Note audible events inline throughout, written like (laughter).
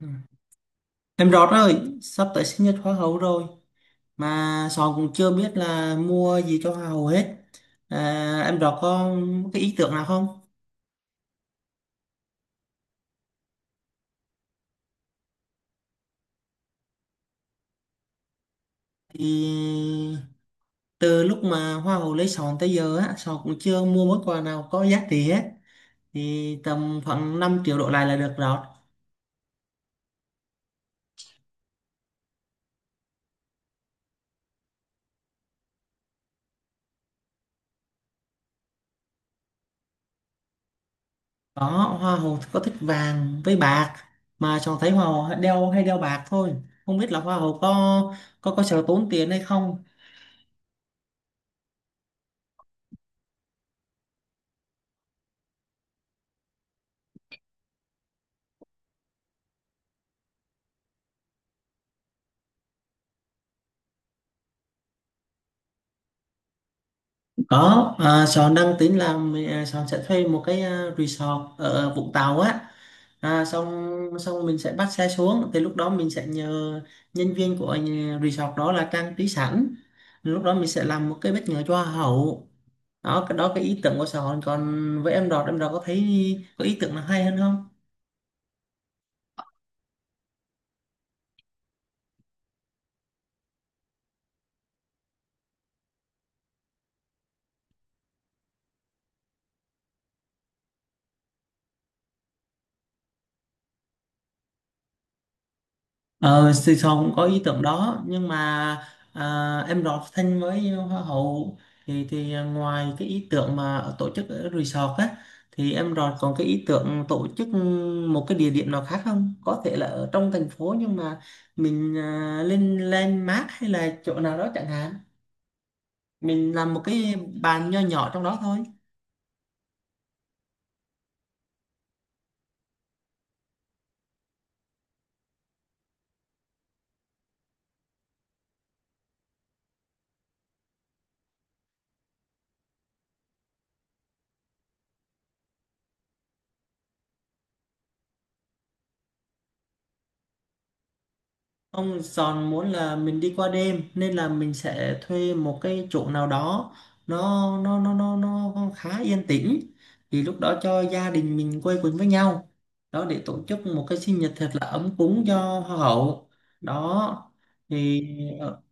Ừ. Em Rọt ơi, sắp tới sinh nhật hoa hậu rồi mà Sòn cũng chưa biết là mua gì cho hoa hậu hết. À, em Rọt có cái ý tưởng nào không? Thì từ lúc mà hoa hậu lấy Sòn tới giờ á, Sòn cũng chưa mua món quà nào có giá trị hết. Thì tầm khoảng 5 triệu đổ lại là được Rọt. Đó, hoa hậu có thích vàng với bạc mà Sòn thấy hoa hậu đeo hay đeo bạc thôi. Không biết là hoa hậu có sợ tốn tiền hay không? Có, Sơn đang tính làm, Sơn sẽ thuê một cái resort ở Vũng Tàu á. Xong xong mình sẽ bắt xe xuống, thì lúc đó mình sẽ nhờ nhân viên của resort đó là trang trí sẵn. Lúc đó mình sẽ làm một cái bất ngờ cho hoa hậu. Đó cái ý tưởng của Sơn, còn với em Đọt có thấy có ý tưởng nào hay hơn không? Ờ, thì Sòn có ý tưởng đó nhưng mà em đọt Thanh với Hoa hậu, thì ngoài cái ý tưởng mà tổ chức ở resort á, thì em đọt còn cái ý tưởng tổ chức một cái địa điểm nào khác không? Có thể là ở trong thành phố nhưng mà mình lên landmark hay là chỗ nào đó chẳng hạn, mình làm một cái bàn nho nhỏ trong đó thôi. Ông Giòn muốn là mình đi qua đêm nên là mình sẽ thuê một cái chỗ nào đó nó khá yên tĩnh, thì lúc đó cho gia đình mình quây quần với nhau, đó để tổ chức một cái sinh nhật thật là ấm cúng cho hoa hậu. Đó thì ờ,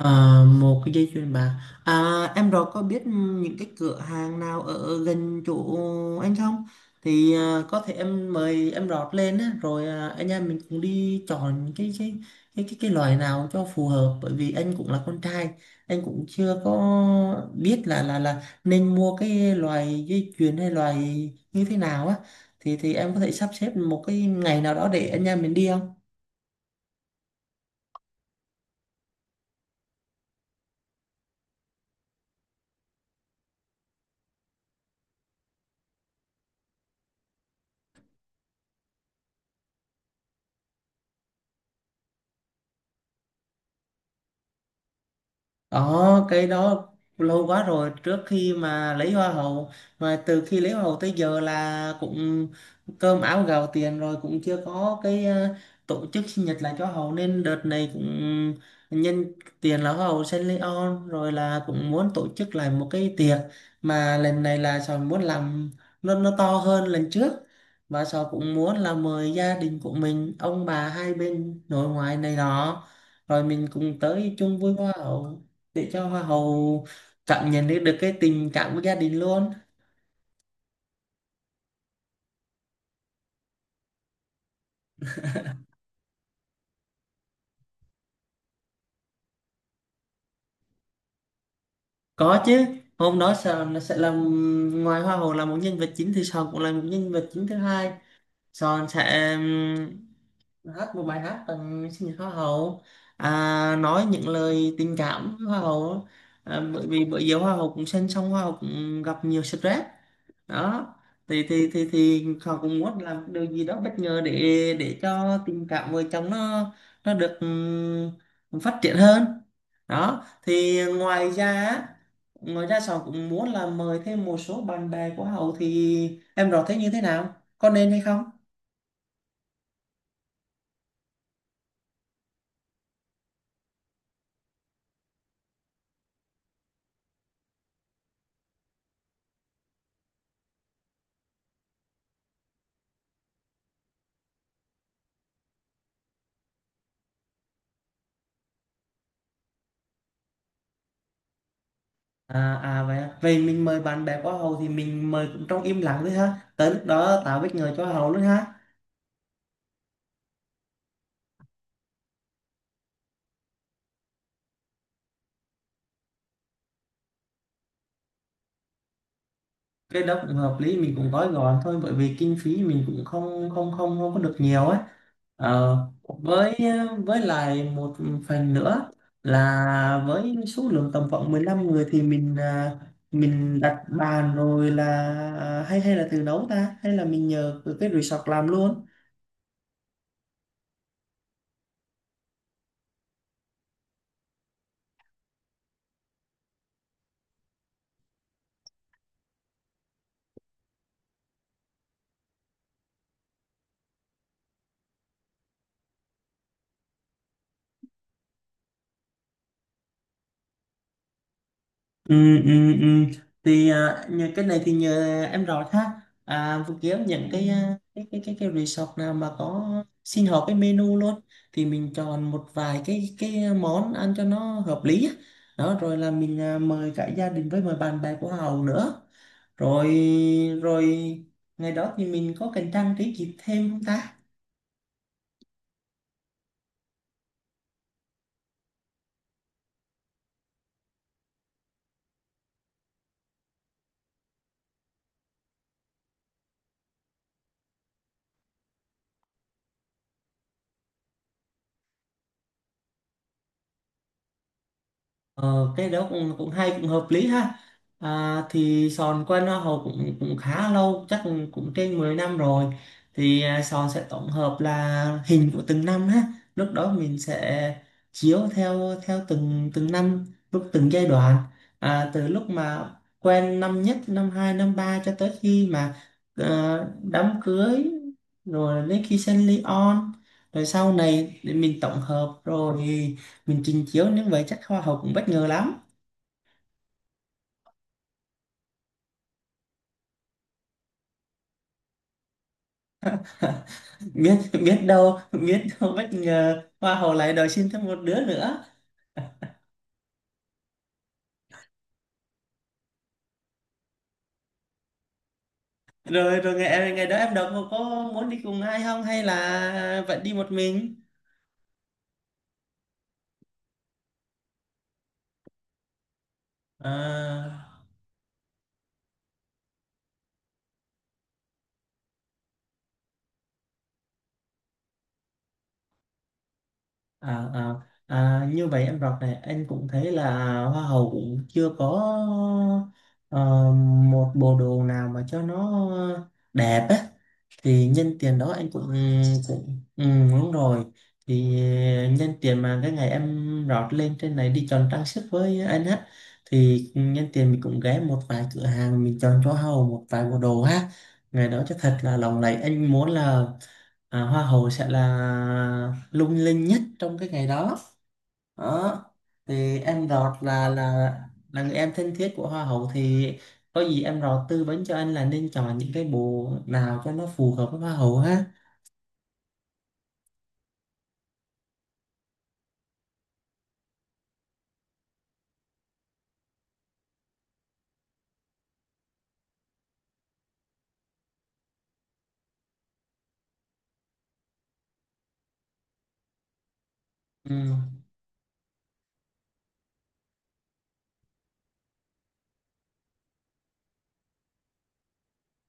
ờ, một cái dây chuyền bạc, em rồi có biết những cái cửa hàng nào ở gần chỗ anh không? Thì có thể em mời em rót lên á, rồi anh em mình cùng đi chọn cái loại nào cho phù hợp, bởi vì anh cũng là con trai, anh cũng chưa có biết là nên mua cái loại dây chuyền hay loại như thế nào á, thì em có thể sắp xếp một cái ngày nào đó để anh em mình đi không? Đó, cái đó lâu quá rồi, trước khi mà lấy hoa hậu, mà từ khi lấy hoa hậu tới giờ là cũng cơm áo gạo tiền rồi cũng chưa có cái tổ chức sinh nhật lại cho hậu, nên đợt này cũng nhân tiền là hoa hậu Saint Leon rồi là cũng muốn tổ chức lại một cái tiệc, mà lần này là Sòn muốn làm nó to hơn lần trước, và Sòn cũng muốn là mời gia đình của mình ông bà hai bên nội ngoại này đó, rồi mình cùng tới chung vui hoa hậu, để cho hoa hậu cảm nhận được, được cái tình cảm của gia đình luôn. Có chứ, hôm đó sòn nó sẽ làm, ngoài hoa hậu là một nhân vật chính thì Sòn cũng là một nhân vật chính thứ hai. Sòn sẽ hát một bài hát tặng sinh nhật hoa hậu, nói những lời tình cảm với hoa hậu, bởi vì bởi giờ hoa hậu cũng sinh xong, hoa hậu cũng gặp nhiều stress đó, thì họ cũng muốn làm điều gì đó bất ngờ để cho tình cảm vợ chồng nó được phát triển hơn. Đó thì ngoài ra á, ngoài ra họ cũng muốn là mời thêm một số bạn bè của Hậu, thì em rõ thế như thế nào, có nên hay không? Vậy à. Vậy mình mời bạn bè của Hậu thì mình mời cũng trong im lặng thôi ha, tới lúc đó tạo bất ngờ cho Hậu luôn ha. Cái đó cũng hợp lý, mình cũng gói gọn thôi, bởi vì kinh phí mình cũng không không không không có được nhiều ấy. Ờ, với với lại một phần nữa là với số lượng tầm khoảng 15 người thì mình mình đặt bàn rồi là hay hay là tự nấu ta, hay là mình nhờ cái resort làm luôn. Ừ, ừ, ừ. Thì nhờ cái này thì nhờ em rõ ha, vừa kiếm những cái cái resort nào mà có xin họ cái menu luôn, thì mình chọn một vài cái món ăn cho nó hợp lý á. Đó rồi là mình mời cả gia đình với mời bạn bè của Hậu nữa, rồi rồi ngày đó thì mình có cần trang trí gì thêm không ta? Ờ, cái đó cũng cũng hay, cũng hợp lý ha. À, thì Sòn quen Hoa Hậu cũng cũng khá lâu, chắc cũng, cũng trên 10 năm rồi. Thì Sòn sẽ tổng hợp là hình của từng năm ha, lúc đó mình sẽ chiếu theo theo từng từng năm, lúc từng giai đoạn, từ lúc mà quen năm nhất, năm hai, năm ba, cho tới khi mà đám cưới, rồi đến khi sinh ly on, rồi sau này để mình tổng hợp rồi mình trình chiếu, nhưng vậy chắc hoa hậu cũng bất ngờ lắm. Biết biết đâu biết đâu bất ngờ hoa hậu lại đòi xin thêm một đứa nữa. Rồi rồi Ngày ngày đó em đọc có muốn đi cùng ai không, hay là vẫn đi một mình? à, à, à, À, như vậy em đọc này, anh cũng thấy là hoa hậu cũng chưa có ờ, một bộ đồ nào mà cho nó đẹp á, thì nhân tiền đó anh cũng cũng đúng rồi. Thì nhân tiền mà cái ngày em rót lên trên này đi chọn trang sức với anh á, thì nhân tiền mình cũng ghé một vài cửa hàng mình chọn cho hầu một vài bộ đồ ha. Ngày đó cho thật là lộng lẫy, anh muốn là hoa hậu sẽ là lung linh nhất trong cái ngày đó. Đó thì em Rọt là người em thân thiết của hoa hậu, thì có gì em Rọt tư vấn cho anh là nên chọn những cái bộ nào cho nó phù hợp với hoa hậu ha. Ừ.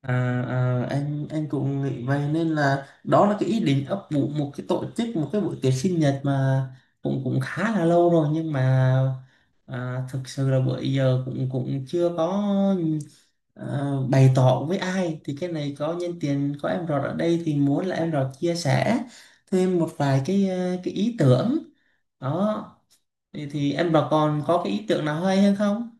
à, anh cũng nghĩ vậy, nên là đó là cái ý định ấp ủ một cái tổ chức một cái buổi tiệc sinh nhật mà cũng cũng khá là lâu rồi, nhưng mà À, thực sự là bữa giờ cũng cũng chưa có à, bày tỏ với ai, thì cái này có nhân tiện có em Rọt ở đây thì muốn là em Rọt chia sẻ thêm một vài cái cái ý tưởng. Đó thì em Rọt còn có cái ý tưởng nào hay hơn không?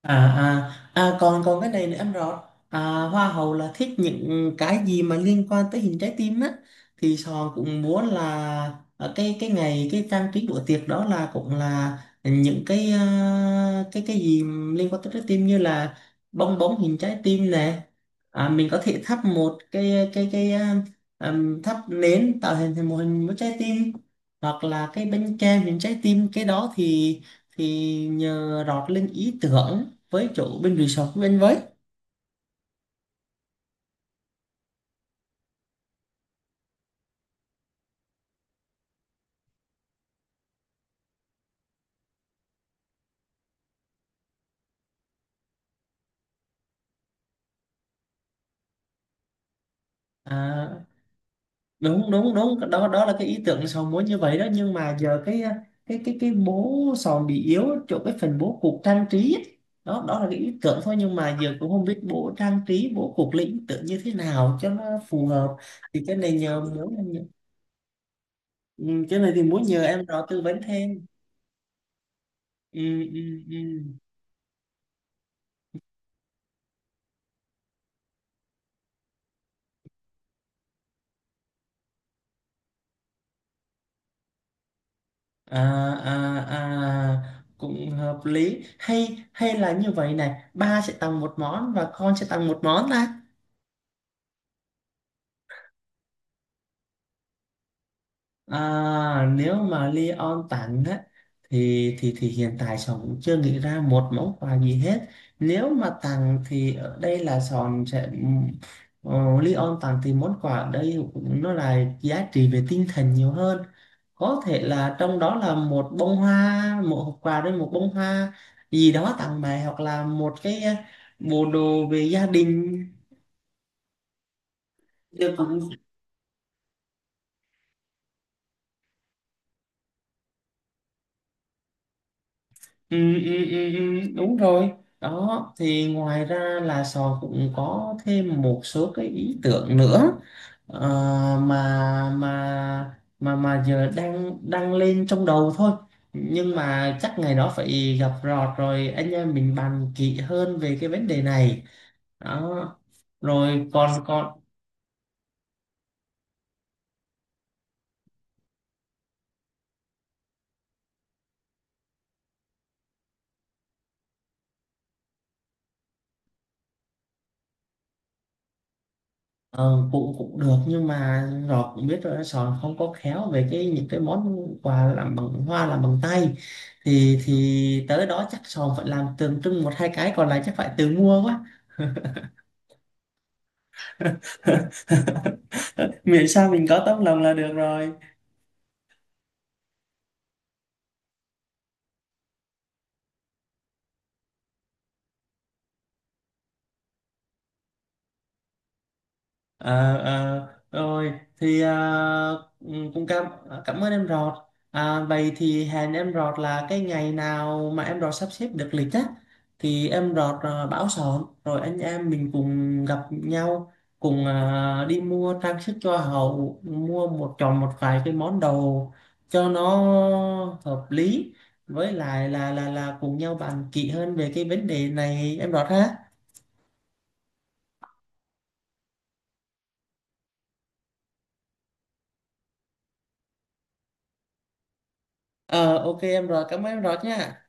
Còn còn cái này nữa em rõ, à, hoa hậu là thích những cái gì mà liên quan tới hình trái tim á, thì Sòn cũng muốn là ở cái ngày cái trang trí bữa tiệc đó là cũng là những cái cái gì liên quan tới trái tim, như là bong bóng hình trái tim nè, mình có thể thắp một cái thắp nến tạo hình thành một hình một trái tim, hoặc là cái bánh kem hình trái tim. Cái đó thì nhờ rót lên ý tưởng với chủ bên resort của bên với. À, đúng đúng đúng đó, đó là cái ý tưởng Sòn muốn như vậy đó, nhưng mà giờ cái bố Sòn bị yếu chỗ cái phần bố cục trang trí ấy. Đó đó là cái ý tưởng thôi, nhưng mà giờ cũng không biết bố trang trí bố cục lấy ý tưởng như thế nào cho nó phù hợp, thì cái này nhờ muốn ừ, cái này thì muốn nhờ em đó tư vấn thêm. ừ, ừ, ừ. à à À, cũng hợp lý, hay hay là như vậy này, ba sẽ tặng một món và con sẽ tặng một món ta. À, nếu mà Leon tản á, thì hiện tại Sòn cũng chưa nghĩ ra một món quà gì hết. Nếu mà tặng thì ở đây là Sòn sẽ Leon tặng thì món quà ở đây cũng nó là giá trị về tinh thần nhiều hơn. Có thể là trong đó là một bông hoa, một hộp quà đấy, một bông hoa gì đó tặng mẹ, hoặc là một cái bộ đồ về gia đình. Được. Ừ, đúng rồi. Đó thì ngoài ra là Sò cũng có thêm một số cái ý tưởng nữa, ờ, mà giờ đang đang lên trong đầu thôi, nhưng mà chắc ngày đó phải gặp Rọt rồi anh em mình bàn kỹ hơn về cái vấn đề này. Đó rồi còn còn Ờ, cũng cũng được, nhưng mà Ngọc cũng biết rồi đó, Sòn không có khéo về cái những cái món quà làm bằng hoa làm bằng tay, thì tới đó chắc Sòn phải làm tượng trưng một hai cái, còn lại chắc phải tự mua quá. (laughs) Miễn sao mình có tấm lòng là được rồi. Ờ, ờ, rồi thì ừ, cũng cảm cảm ơn em Rọt. À, vậy thì hẹn em Rọt là cái ngày nào mà em Rọt sắp xếp được lịch á, thì em Rọt báo sòn rồi anh em mình cùng gặp nhau, cùng đi mua trang sức cho hậu, mua một chọn một vài cái món đồ cho nó hợp lý, với lại là cùng nhau bàn kỹ hơn về cái vấn đề này em Rọt ha. Ờ, ok em Rọt, cảm ơn em Rọt nha.